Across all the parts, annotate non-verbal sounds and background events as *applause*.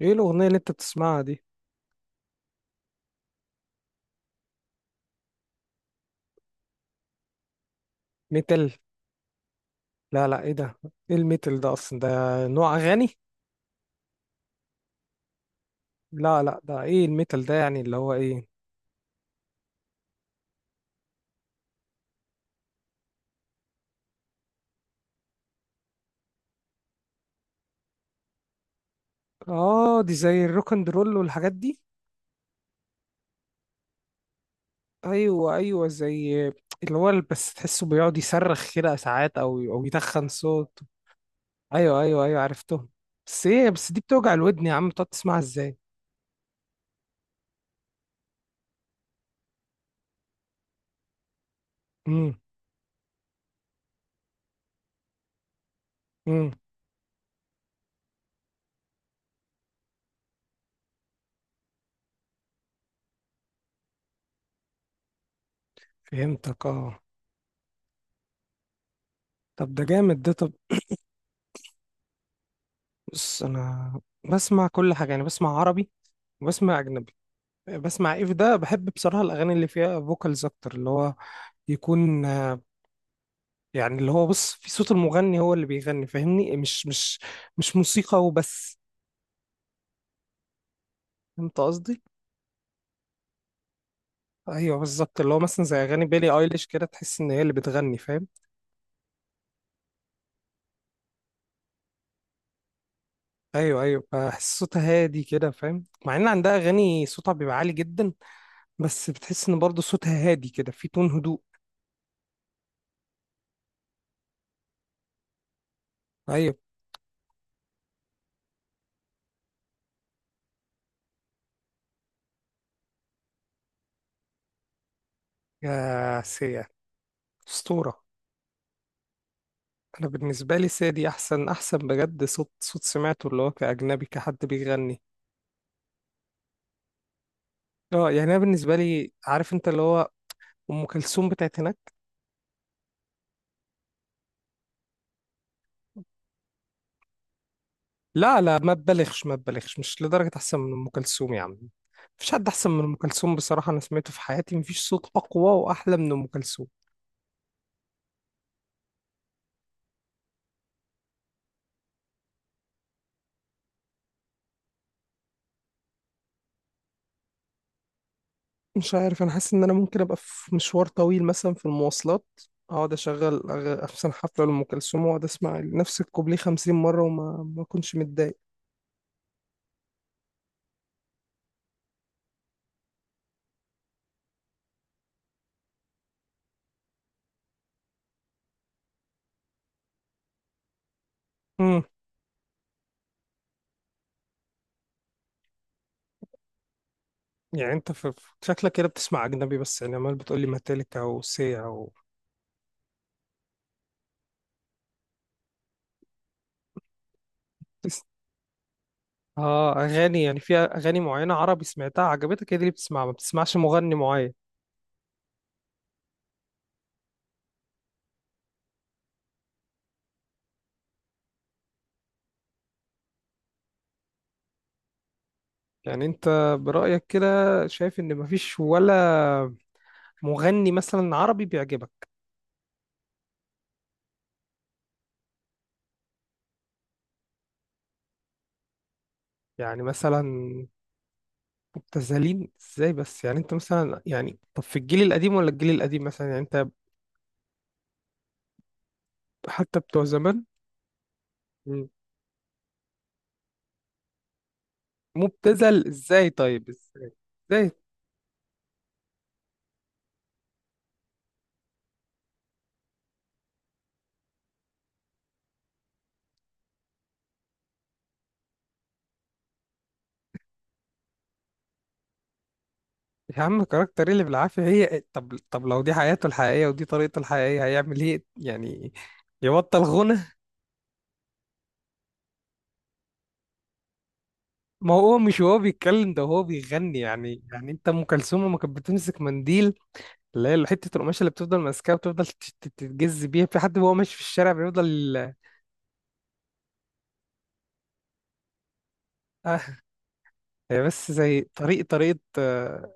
ايه الاغنيه اللي انت بتسمعها دي؟ ميتال؟ لا لا، ايه ده؟ ايه الميتال ده اصلا ده؟ نوع اغاني؟ لا لا، ده ايه الميتال ده يعني اللي هو ايه؟ اه، دي زي الروك اند رول والحاجات دي. ايوه ايوه، زي اللي هو بس تحسه بيقعد يصرخ كده ساعات او يتخن صوت. ايوه ايوه ايوه، عرفتهم. بس ايه، بس دي بتوجع الودن يا عم، بتقعد تسمعها ازاي؟ امم. امم. فهمتك اه. طب ده جامد ده، طب. بص انا بسمع كل حاجه، يعني بسمع عربي وبسمع اجنبي. بسمع ايف ده، بحب بصراحة الأغاني اللي فيها فوكالز أكتر، اللي هو يكون آه، يعني اللي هو بص في صوت المغني هو اللي بيغني، فاهمني؟ مش موسيقى وبس. فهمت قصدي؟ أيوه بالظبط، اللي هو مثلا زي أغاني بيلي أيليش كده، تحس إن هي اللي بتغني، فاهم؟ أيوه أيوه، بحس صوتها هادي كده، فاهم؟ مع إن عندها أغاني صوتها بيبقى عالي جدا، بس بتحس إن برضه صوتها هادي كده، في تون هدوء. أيوه. يا سيا. أسطورة. انا بالنسبه لي سادي احسن احسن بجد، صوت صوت سمعته اللي هو كاجنبي، كحد بيغني. اه. يعني انا بالنسبه لي، عارف انت، اللي هو ام كلثوم بتاعت هناك. لا لا، ما تبالغش ما تبالغش، مش لدرجه احسن من ام كلثوم يا عم. مفيش حد احسن من ام كلثوم بصراحه، انا سمعته في حياتي مفيش صوت اقوى واحلى من ام كلثوم. مش عارف، انا حاسس ان انا ممكن ابقى في مشوار طويل مثلا في المواصلات، اقعد اشغل احسن حفله لام كلثوم واقعد اسمع نفس الكوبليه 50 مره، وما ما اكونش متضايق. يعني انت شكلك كده بتسمع اجنبي بس، يعني عمال بتقولي ماتيليكا وسيا و... *laughs* اه اغاني، يعني في اغاني معينه عربي سمعتها عجبتك، هي دي اللي بتسمعها، ما بتسمعش مغني معين. يعني انت برايك كده شايف ان مفيش ولا مغني مثلا عربي بيعجبك؟ يعني مثلا مبتذلين ازاي بس؟ يعني انت مثلا، يعني طب في الجيل القديم ولا الجيل القديم، مثلا يعني انت حتى بتوع زمان. مم. مبتذل ازاي؟ طيب ازاي؟ ازاي؟ يا عم كاركتر ايه اللي بالعافية؟ هي إيه؟ طب، لو دي حياته الحقيقية ودي طريقته الحقيقية هيعمل ايه يعني؟ يبطل غنى؟ ما هو مش هو بيتكلم، ده هو بيغني. يعني انت ام كلثوم لما كانت بتمسك منديل، اللي هي حتة القماشة اللي بتفضل ماسكاها وتفضل تتجز بيها في حد، وهو ماشي في الشارع بيفضل. اه، هي بس زي طريق طريقة آه،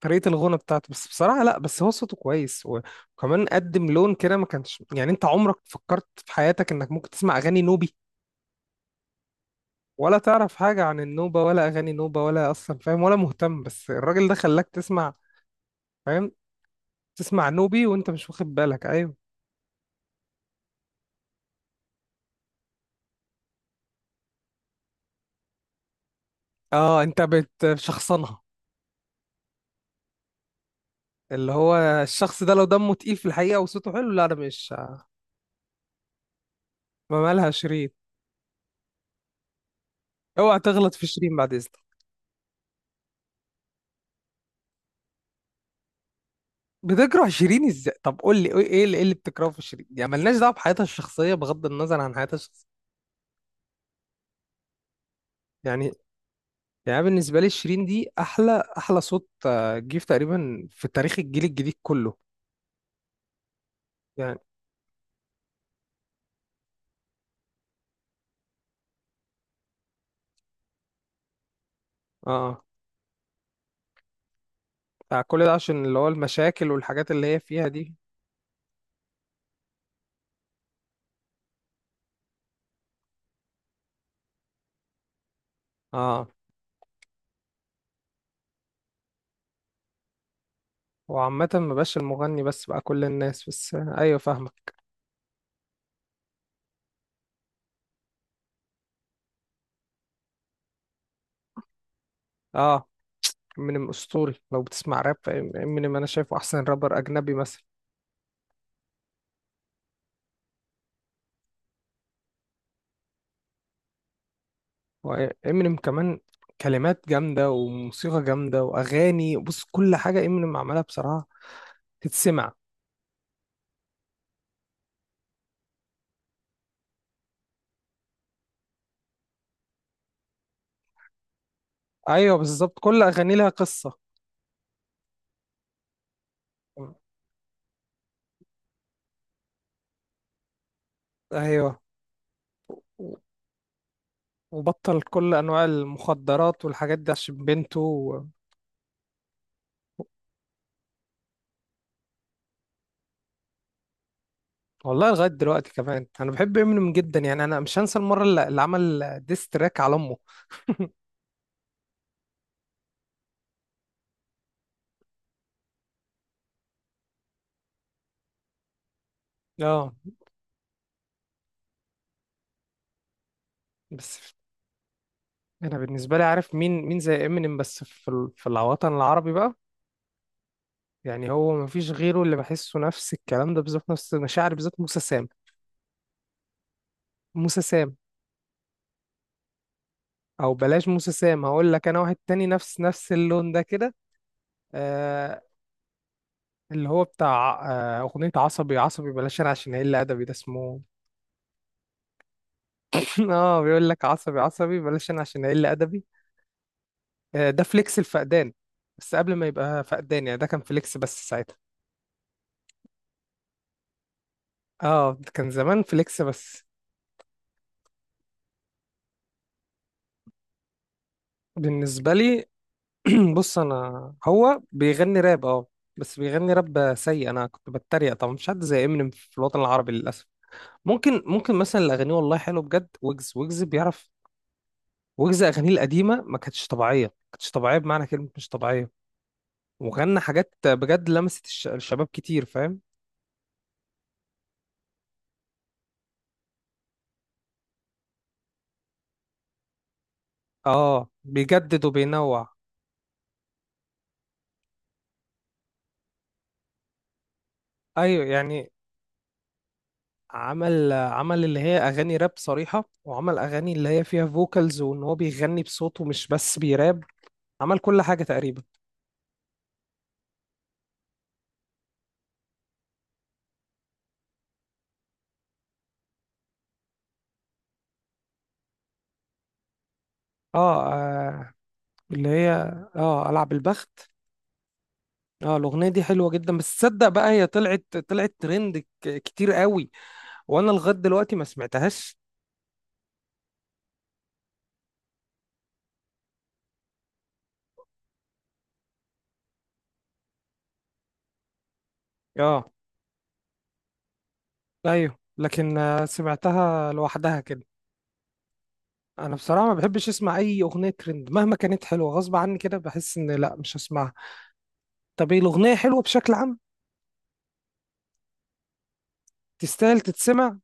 طريقة الغنى بتاعته. بس بصراحة لا، بس هو صوته كويس وكمان قدم لون كده ما كانش، يعني انت عمرك فكرت في حياتك انك ممكن تسمع اغاني نوبي ولا تعرف حاجة عن النوبة ولا أغاني نوبة ولا أصلا فاهم ولا مهتم، بس الراجل ده خلاك تسمع، فاهم؟ تسمع نوبي وأنت مش واخد بالك. أيوه. أه أنت بتشخصنها. اللي هو الشخص ده لو دمه تقيل في الحقيقة وصوته حلو، لا أنا مش. ما مالها شيرين؟ أوعى تغلط في شيرين بعد إذنك. بتكره شيرين إزاي؟ طب قول لي إيه اللي، إيه اللي بتكرهه في شيرين يعني؟ ملناش دعوة بحياتها الشخصية، بغض النظر عن حياتها الشخصية. يعني يعني أنا بالنسبة لي شيرين دي أحلى أحلى صوت آه، جه في تقريبا في تاريخ الجيل الجديد كله. يعني اه آه. بتاع كل ده عشان اللي هو المشاكل والحاجات اللي هي فيها دي. اه. وعامة ما بقاش المغني بس، بقى كل الناس بس آه، ايوه فاهمك. اه. امينيم اسطوري لو بتسمع راب. امينيم انا شايفه احسن رابر اجنبي مثلا. وامينيم كمان، كلمات جامدة وموسيقى جامدة واغاني، بص كل حاجة امينيم عملها بصراحة تتسمع. ايوه بالظبط، كل اغاني لها قصة. ايوه و- وبطل كل انواع المخدرات والحاجات دي عشان بنته. والله لغايه دلوقتي كمان انا بحب امينيم جدا، يعني انا مش هنسى المره اللي عمل ديستراك على امه. اه. بس انا بالنسبه لي، عارف مين زي امينيم بس في في الوطن العربي بقى؟ يعني هو مفيش غيره اللي بحسه نفس الكلام ده بالظبط، نفس مشاعري بالظبط، موسى سام. موسى سام. او بلاش موسى سام، هقول لك انا واحد تاني نفس اللون ده كده. آه، اللي هو بتاع. آه، اغنيه عصبي عصبي بلاش انا عشان اقل ادبي، ده اسمه. *laughs* اه، بيقول لك عصبي عصبي بلاش انا عشان اقل ادبي. آه، ده فليكس الفقدان، بس قبل ما يبقى فقدان يعني، ده كان فليكس بس ساعتها. اه، كان زمان فليكس بس. بالنسبة لي *clears throat* بص انا، هو بيغني راب اه. بس بيغني راب سيء، انا كنت بتريق طبعا، مش حد زي امينيم في الوطن العربي للاسف. ممكن مثلا اللي اغانيه والله حلو بجد، ويجز. ويجز بيعرف. ويجز اغانيه القديمة ما كانتش طبيعية، ما كانتش طبيعية بمعنى كلمة مش طبيعية، وغنى حاجات بجد لمست الشباب كتير، فاهم؟ اه بيجدد وبينوع. ايوه يعني، عمل عمل اللي هي اغاني راب صريحه، وعمل اغاني اللي هي فيها فوكالز، وان هو بيغني بصوته مش بس بيراب. عمل كل حاجه تقريبا. اه، آه. اللي هي اه العب البخت. اه، الاغنيه دي حلوه جدا، بس تصدق بقى هي طلعت ترند كتير قوي، وانا لغايه دلوقتي ما سمعتهاش. اه ايوه، لكن آه، سمعتها لوحدها كده. انا بصراحه ما بحبش اسمع اي اغنيه ترند مهما كانت حلوه، غصب عني كده بحس ان لا مش هسمعها. طب ايه، الاغنيه حلوه بشكل عام؟ تستاهل تتسمع؟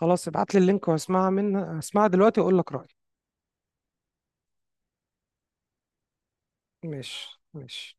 خلاص ابعت لي اللينك واسمعها منها، اسمعها دلوقتي واقول لك رأيي. ماشي ماشي.